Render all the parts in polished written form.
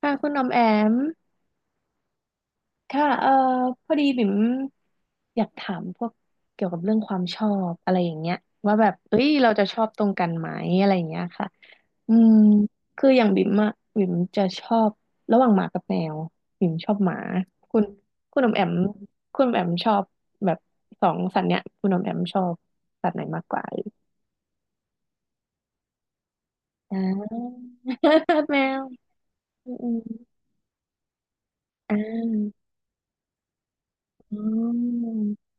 ค่ะคุณออมแอม ค่ะพอดีบิ่มอยากถามพวกเกี่ยวกับเรื่องความชอบอะไรอย่างเงี้ยว่าแบบเอ้ยเราจะชอบตรงกันไหมอะไรอย่างเงี้ยค่ะอืมคืออย่างบิ่มอะบิ่มจะชอบระหว่างหมากับแมวบิ่มชอบหมาคุณคุณออมแอมคุณออมแอมชอบแบบสองสัตว์เนี้ยคุณออมแอมชอบสัตว์ไหนมากกว่าเอ่ยอ่า แมวอืมอมอ่าอ๋อ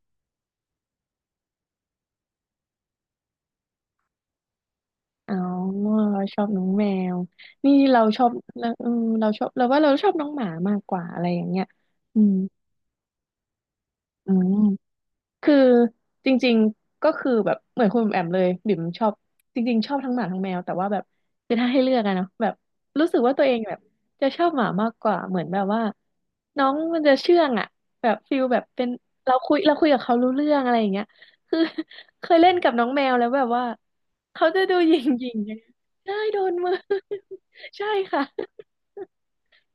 อ๋อเราชอบน้องแมวนี่เราชอบเราเออเราชอบเราว่าเราชอบน้องหมามากกว่าอะไรอย่างเงี้ยอืมอืม คือจริงๆก็คือแบบเหมือนคุณแอมเลยบิ่มชอบจริงๆชอบทั้งหมาทั้งแมวแต่ว่าแบบคือถ้าให้เลือกอะเนาะแบบรู้สึกว่าตัวเองแบบจะชอบหมามากกว่าเหมือนแบบว่าน้องมันจะเชื่องอะแบบฟิลแบบเป็นเราคุยกับเขารู้เรื่องอะไรอย่างเงี้ยคือ เคยเล่นกับน้องแมวแล้วแบบว่าเขาจะดูหยิ่งๆอย่างเงี้ยได้โดนมือ ใช่ค่ะ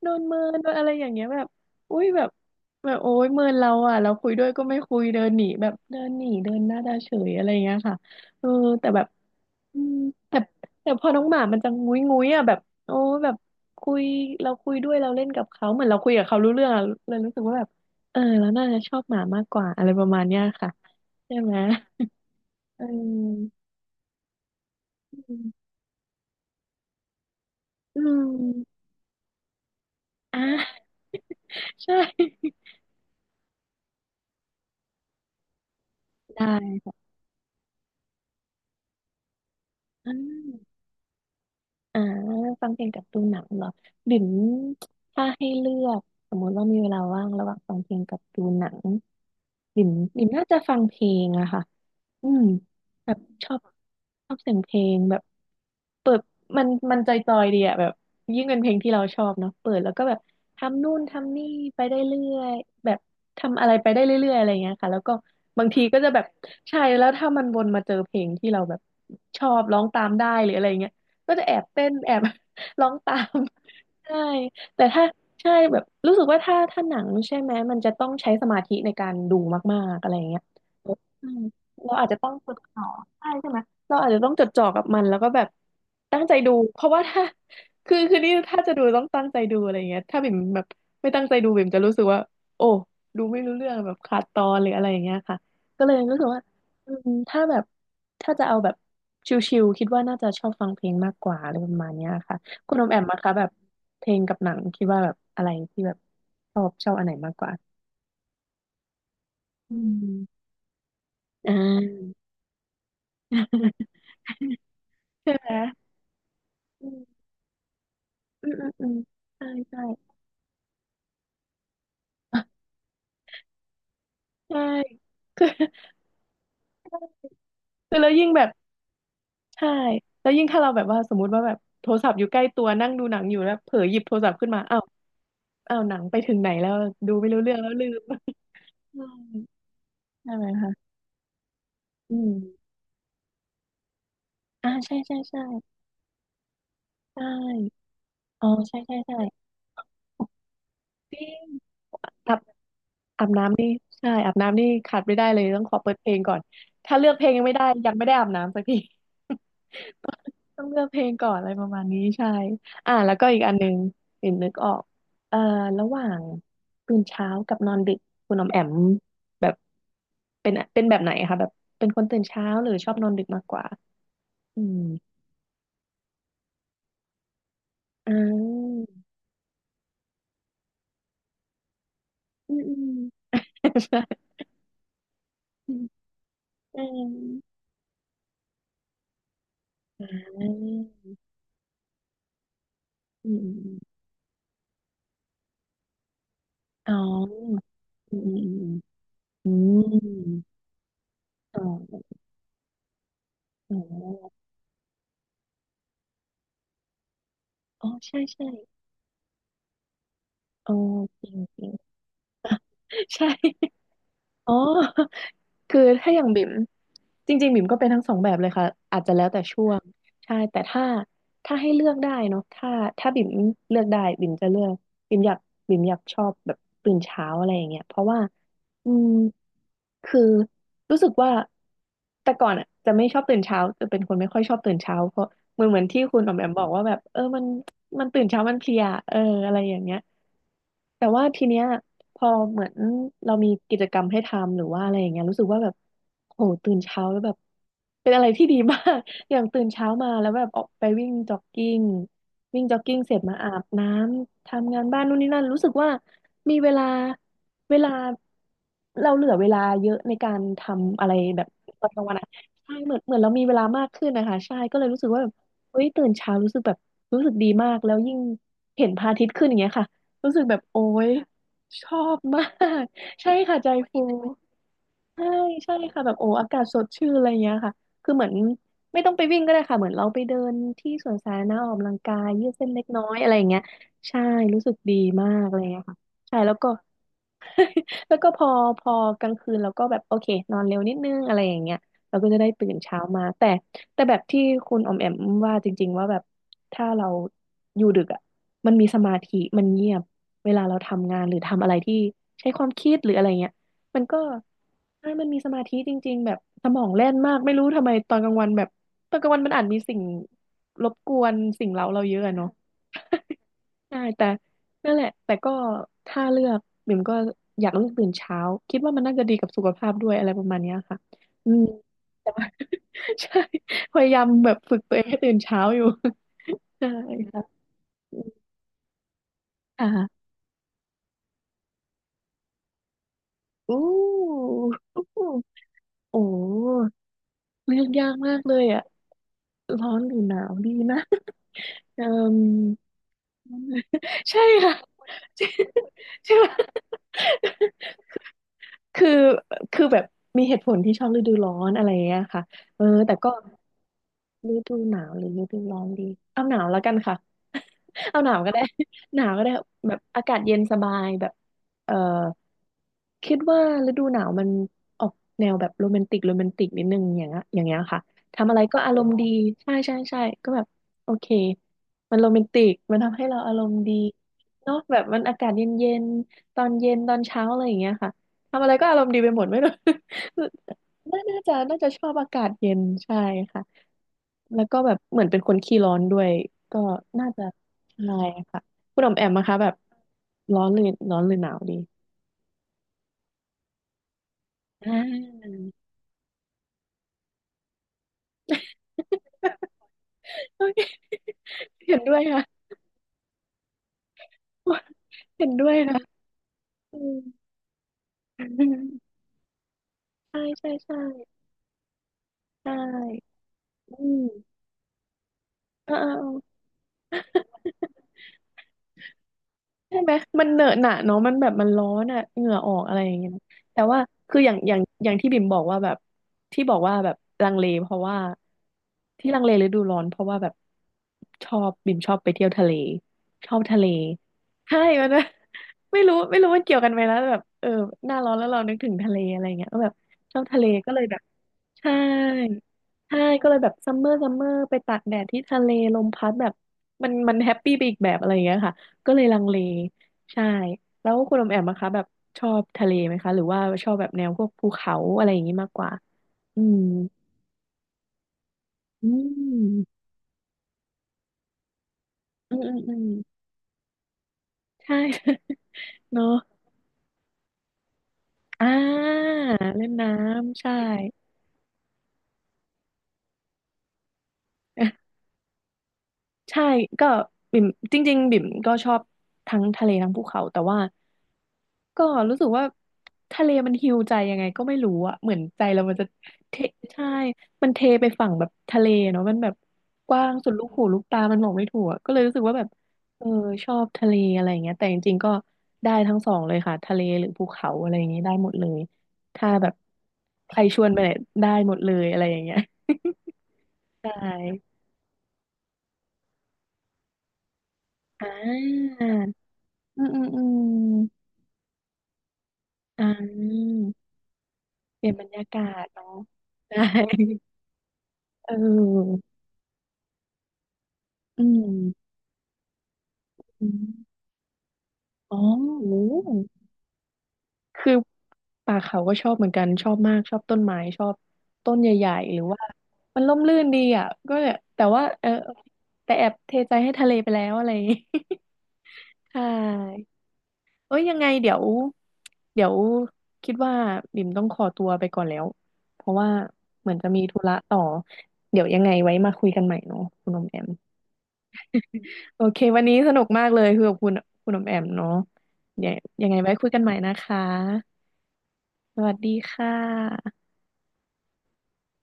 โดนเมินโดนอะไรอย่างเงี้ยแบบอุ้ยแบบแบบโอ้ยเมินเราอ่ะเราคุยด้วยก็ไม่คุยเดินหนีแบบเดินหนีเดินหน้าตาเฉยอะไรอย่างเงี้ยค่ะเออแต่แบบอืมแต่พอน้องหมามันจะงุ้ยงุ้ยอ่ะแบบโอ้แบบคุยเราคุยด้วยเราเล่นกับเขาเหมือนเราคุยกับเขารู้เรื่องอะเลยรู้สึกว่าแบบเออเราน่าจะชอบหมามากกว่าอะไรประมาณเนี้ยค่ะใช่ไหมเอออืมอืมอ่ะใช่ได้อ่า อ่าฟังเพลงกับดูหนังเหรอบิ่มถ้าให้เลือกสมมติว่ามีเวลาว่างระหว่างฟังเพลงกับดูหนังบิ่มบิ่มน่าจะฟังเพลงอะค่ะ อืมแบบชอบชอบเสียงเพลงแบบเปิดมันจอยๆดีอะแบบยิ่งเป็นเพลงที่เราชอบเนาะเปิดแล้วก็แบบทำนู่นทำนี่ไปได้เรื่อยแบบทำอะไรไปได้เรื่อยๆอะไรเงี้ยค่ะแล้วก็บางทีก็จะแบบใช่แล้วถ้ามันวนมาเจอเพลงที่เราแบบชอบร้องตามได้หรืออะไรเงี้ยก็จะแอบเต้นแอบ ร้องตาม ใช่แต่ถ้าใช่แบบรู้สึกว่าถ้าหนังใช่ไหมมันจะต้องใช้สมาธิในการดูมากๆอะไรเงี้ย เราอาจจะต้องจดจ่อใช่ใช่ไหมเราอาจจะต้องจดจ่อกับมันแล้วก็แบบตั้งใจดูเพราะว่าถ้า คือนี่ถ้าจะดูต้องตั้งใจดูอะไรอย่างเงี้ยถ้าบิ่มแบบไม่ตั้งใจดูบิ่มจะรู้สึกว่าโอ้ดูไม่รู้เรื่องแบบขาดตอนหรืออะไรอย่างเงี้ยค่ะก็เลยรู้สึกว่าอืมถ้าแบบถ้าจะเอาแบบชิลๆคิดว่าน่าจะชอบฟังเพลงมากกว่าอะไรประมาณเนี้ยค่ะคุณอมแอมมาคะแบบเพลงกับหนังคิดว่าแบบอะไรที่แบบชอบอันไหนมากกว่าอืม อ่า ใช่ไหม อืมอืมอืมใช่ใช่ ใช่ คือคแล้วยิ่งแบบใช่แล้วยิ่งถ้าเราแบบว่าสมมติว่าแบบโทรศัพท์อยู่ใกล้ตัวนั่งดูหนังอยู่แล้วเผลอหยิบโทรศัพท์ขึ้นมาอ้าวหนังไปถึงไหนแล้วดูไม่รู้เรื่องแล้วลืม ใช่ใช่ไหมคะอืมอ่าใช่ใช่ใช่ใช่อ๋อใช่ใช่ใช่จริงตับ อาบน้ำนี่ใช่อาบน้ำนี่ขาดไม่ได้เลยต้องขอเปิดเพลงก่อนถ้าเลือกเพลงยังไม่ได้ยังไม่ได้อาบน้ำสักที ต้องเลือกเพลงก่อนอะไรประมาณนี้ใช่อ่าแล้วก็อีกอันหนึงปิ่นนึกออกเอ่อระหว่างตื่นเช้ากับนอนดึกคุณออมแอมแบบเป็นแบบไหนคะแบบเป็นคนตื่นเช้าหรือชอบนอนดึกมากกว่าอืมอ่าอืมอืมใช่อืมอืมอ่าอืมอืมอืมอ๋ออืมอืมอืมอืม อ๋ออ๋ออ๋อใช่ใช่อ๋อจริงจริง ใช่อ๋อคือถ้าอย่างบิ่มจริงๆบิ่มก็เป็นทั้งสองแบบเลยค่ะอาจจะแล้วแต่ช่วงใช่แต่ถ้าให้เลือกได้เนาะถ้าถ้าบิ่มเลือกได้บิ่มจะเลือกบิ่มอยากบิ่มอยากชอบแบบตื่นเช้าอะไรอย่างเงี้ยเพราะว่าอืมคือรู้สึกว่าแต่ก่อนอ่ะจะไม่ชอบตื่นเช้าจะเป็นคนไม่ค่อยชอบตื่นเช้าเพราะเหมือนที่คุณออมแอมบอกว่าแบบเออมันตื่นเช้ามันเพลียเอออะไรอย่างเงี้ย แต่ว่าทีเนี้ยพอเหมือนเรามีกิจกรรมให้ทำหรือว่าอะไรอย่างเงี้ยรู้สึกว่าแบบโหตื่นเช้าแล้วแบบเป็นอะไรที่ดีมาก อย่างตื่นเช้ามาแล้วแบบออกไปวิ่งจ็อกกิ้งเสร็จมาอาบน้ำทำงานบ้านนู่นนี่นั่นรู้สึกว่ามีเวลาเราเหลือเวลาเยอะในการทำอะไรแบบตอนกลางวันอะใช่เหมือนเหมือนเรามีเวลามากขึ้นนะคะใช่ก็เลยรู้สึกว่าแบบเฮ้ยตื่นเช้ารู้สึกแบบรู้สึกดีมากแล้วยิ่งเห็นพระอาทิตย์ขึ้นอย่างเงี้ยค่ะ รู้สึกแบบโอ๊ยชอบมาก ใช่ค่ะใจฟู ใช่ใช่ค่ะแบบโอ้อากาศสดชื่นอะไรเงี้ยค่ะคือเหมือนไม่ต้องไปวิ่งก็ได้ค่ะเหมือนเราไปเดินที่สวนสาธารณะออกกำลังกายยืดเส้นเล็กน้อยอะไรอย่างเงี้ยใช่รู้สึกดีมากอะไรเงี้ยค่ะใช่แล้วก็ แล้วก็พอกลางคืนเราก็แบบโอเคนอนเร็วนิดนึงอะไรอย่างเงี้ยเราก็จะได้ตื่นเช้ามาแต่แบบที่คุณออมแอมว่าจริงๆว่าแบบถ้าเราอยู่ดึกอ่ะมันมีสมาธิมันเงียบเวลาเราทำงานหรือทำอะไรที่ใช้ความคิดหรืออะไรเงี้ย มันก็ใช่มันมีสมาธิจริงๆแบบสมองแล่นมากไม่รู้ทำไมตอนกลางวันแบบตอนกลางวันมันอาจมีสิ่งรบกวนสิ่งเร้าเราเยอะอะเนาะใช่แต่นั่นแหละแต่ก็ถ้าเลือกบิ่มก็อยากเลือกตื่นเช้าคิดว่ามันน่าจะดีกับสุขภาพด้วยอะไรประมาณเนี้ยค่ะอืม ใช่พยายามแบบฝึกตัวเองให้ตื่นเช้าอยู่ ใช่ค่ะอ่าอู้โอ้เลือกยากมากเลยอะร้อนหรือหนาวดีนะ เอ่ม ใช่ค่ะใช่ใช่ไหมคือคือแบบมีเหตุผลที่ชอบฤดูร้อนอะไรอย่างเงี้ยค่ะเออแต่ก็ฤดูหนาวหรือฤดูร้อนดีเอาหนาวแล้วกันค่ะ เอาหนาวก็ได้ หนาวก็ได้แบบอากาศเย็นสบายแบบเออ คิดว่าฤดูหนาวมันออกแนวแบบโรแมนติกนิดนึงอย่างเงี้ยอย่างเงี้ยค่ะทำอะไรก็อารมณ์ดีใช่ใช่ใช่ก็แบบโอเคมันโรแมนติกมันทำให้เราอารมณ์ดีเนาะแบบมันอากาศเย็นเย็นตอนเย็นตอนเช้าอะไรอย่างเงี้ยค่ะทำอะไรก็อารมณ์ดีไปหมดไม่รู้ น่าน่าจะน่าจะชอบอากาศเย็นใช่ค่ะแล้วก็แบบเหมือนเป็นคนขี้ร้อนด้วยก็น่าจะใช่ค่ะคุณออมแอมนะคะแบบร้อนหรือร้อนหรือหนาวดีอ่า โอเค เห็นด้วยค่ะเห็นด้วยค่ะอืมใช่ใช่ใช่ใช่ อืมอ่า ใช่ไหมมันเหนอะหนะเนาะมันแบบมันร้อนอะเหงื่อออกอะไรอย่างเงี้ยแต่ว่าคืออย่างที่บิ่มบอกว่าแบบที่บอกว่าแบบลังเลเพราะว่าที่ลังเลฤดูร้อนเพราะว่าแบบชอบบิ่มชอบไปเที่ยวทะเลชอบทะเลใช่มันนะ ไม่รู้มันเกี่ยวกันไหมนะแต่แบบเออหน้าร้อนแล้วเรานึกถึงทะเลอะไรเงี้ยก็แบบชอบทะเลก็เลยแบบ ใช่ ใช่ ก็เลยแบบซัมเมอร์ไปตากแดดที่ทะเลลมพัดแบบมันมันแฮปปี้ไปอีกแบบอะไรอย่างเงี้ยค่ะ ก็เลยลังเลใช่ แล้วคุณอมแอมนะคะแบบชอบทะเลไหมคะหรือว่าชอบแบบแนวพวกภูเขาอะไรอย่างงี้มากกว่าอืมอืมอืมอืมอืมใช่ เนอะอ่าเล่นน้ำ ใช่ ใช่ก็บิ่มจริงๆบิ่มก็ชอบทั้งทะเลทั้งภูเขาแต่ว่าก็รู้สึกว่าทะเลมันฮีลใจยังไงก็ไม่รู้อะเหมือนใจเรามันจะเทใช่มันเทไปฝั่งแบบทะเลเนาะมันแบบกว้างสุดลูกหูลูกตามันบอกไม่ถูกอะก็เลยรู้สึกว่าแบบเออชอบทะเลอะไรอย่างเงี้ยแต่จริงๆก็ได้ทั้งสองเลยค่ะทะเลหรือภูเขาอะไรอย่างเงี้ยได้หมดเลยถ้าแบบใครชวนไปไหนได้หมดเลยอะไรอย่างเงี้ย ใช่อ่า อืมอืมอืมอ่าเปลี่ยนบรรยากาศเนาะได้ เอออืมอมอ๋อโหคือป่าเขาก็ชอบเหมือนกันชอบมากชอบต้นไม้ชอบต้นใหญ่ๆหรือว่ามันร่มรื่นดีอ่ะก็เนี่ยแต่ว่าเออแต่แอบเทใจให้ทะเลไปแล้วอะไรอย่างงี้ ใช่ เอ้ยยังไงเดี๋ยวคิดว่าบิ่มต้องขอตัวไปก่อนแล้วเพราะว่าเหมือนจะมีธุระต่อเดี๋ยวยังไงไว้มาคุยกันใหม่เนาะคุณอมแอมโอเควันนี้สนุกมากเลยคือกับคุณอมแอมเนาะเดี๋ยวยังไงไว้คุยกันใหม่นะคะสวัสดีค่ะ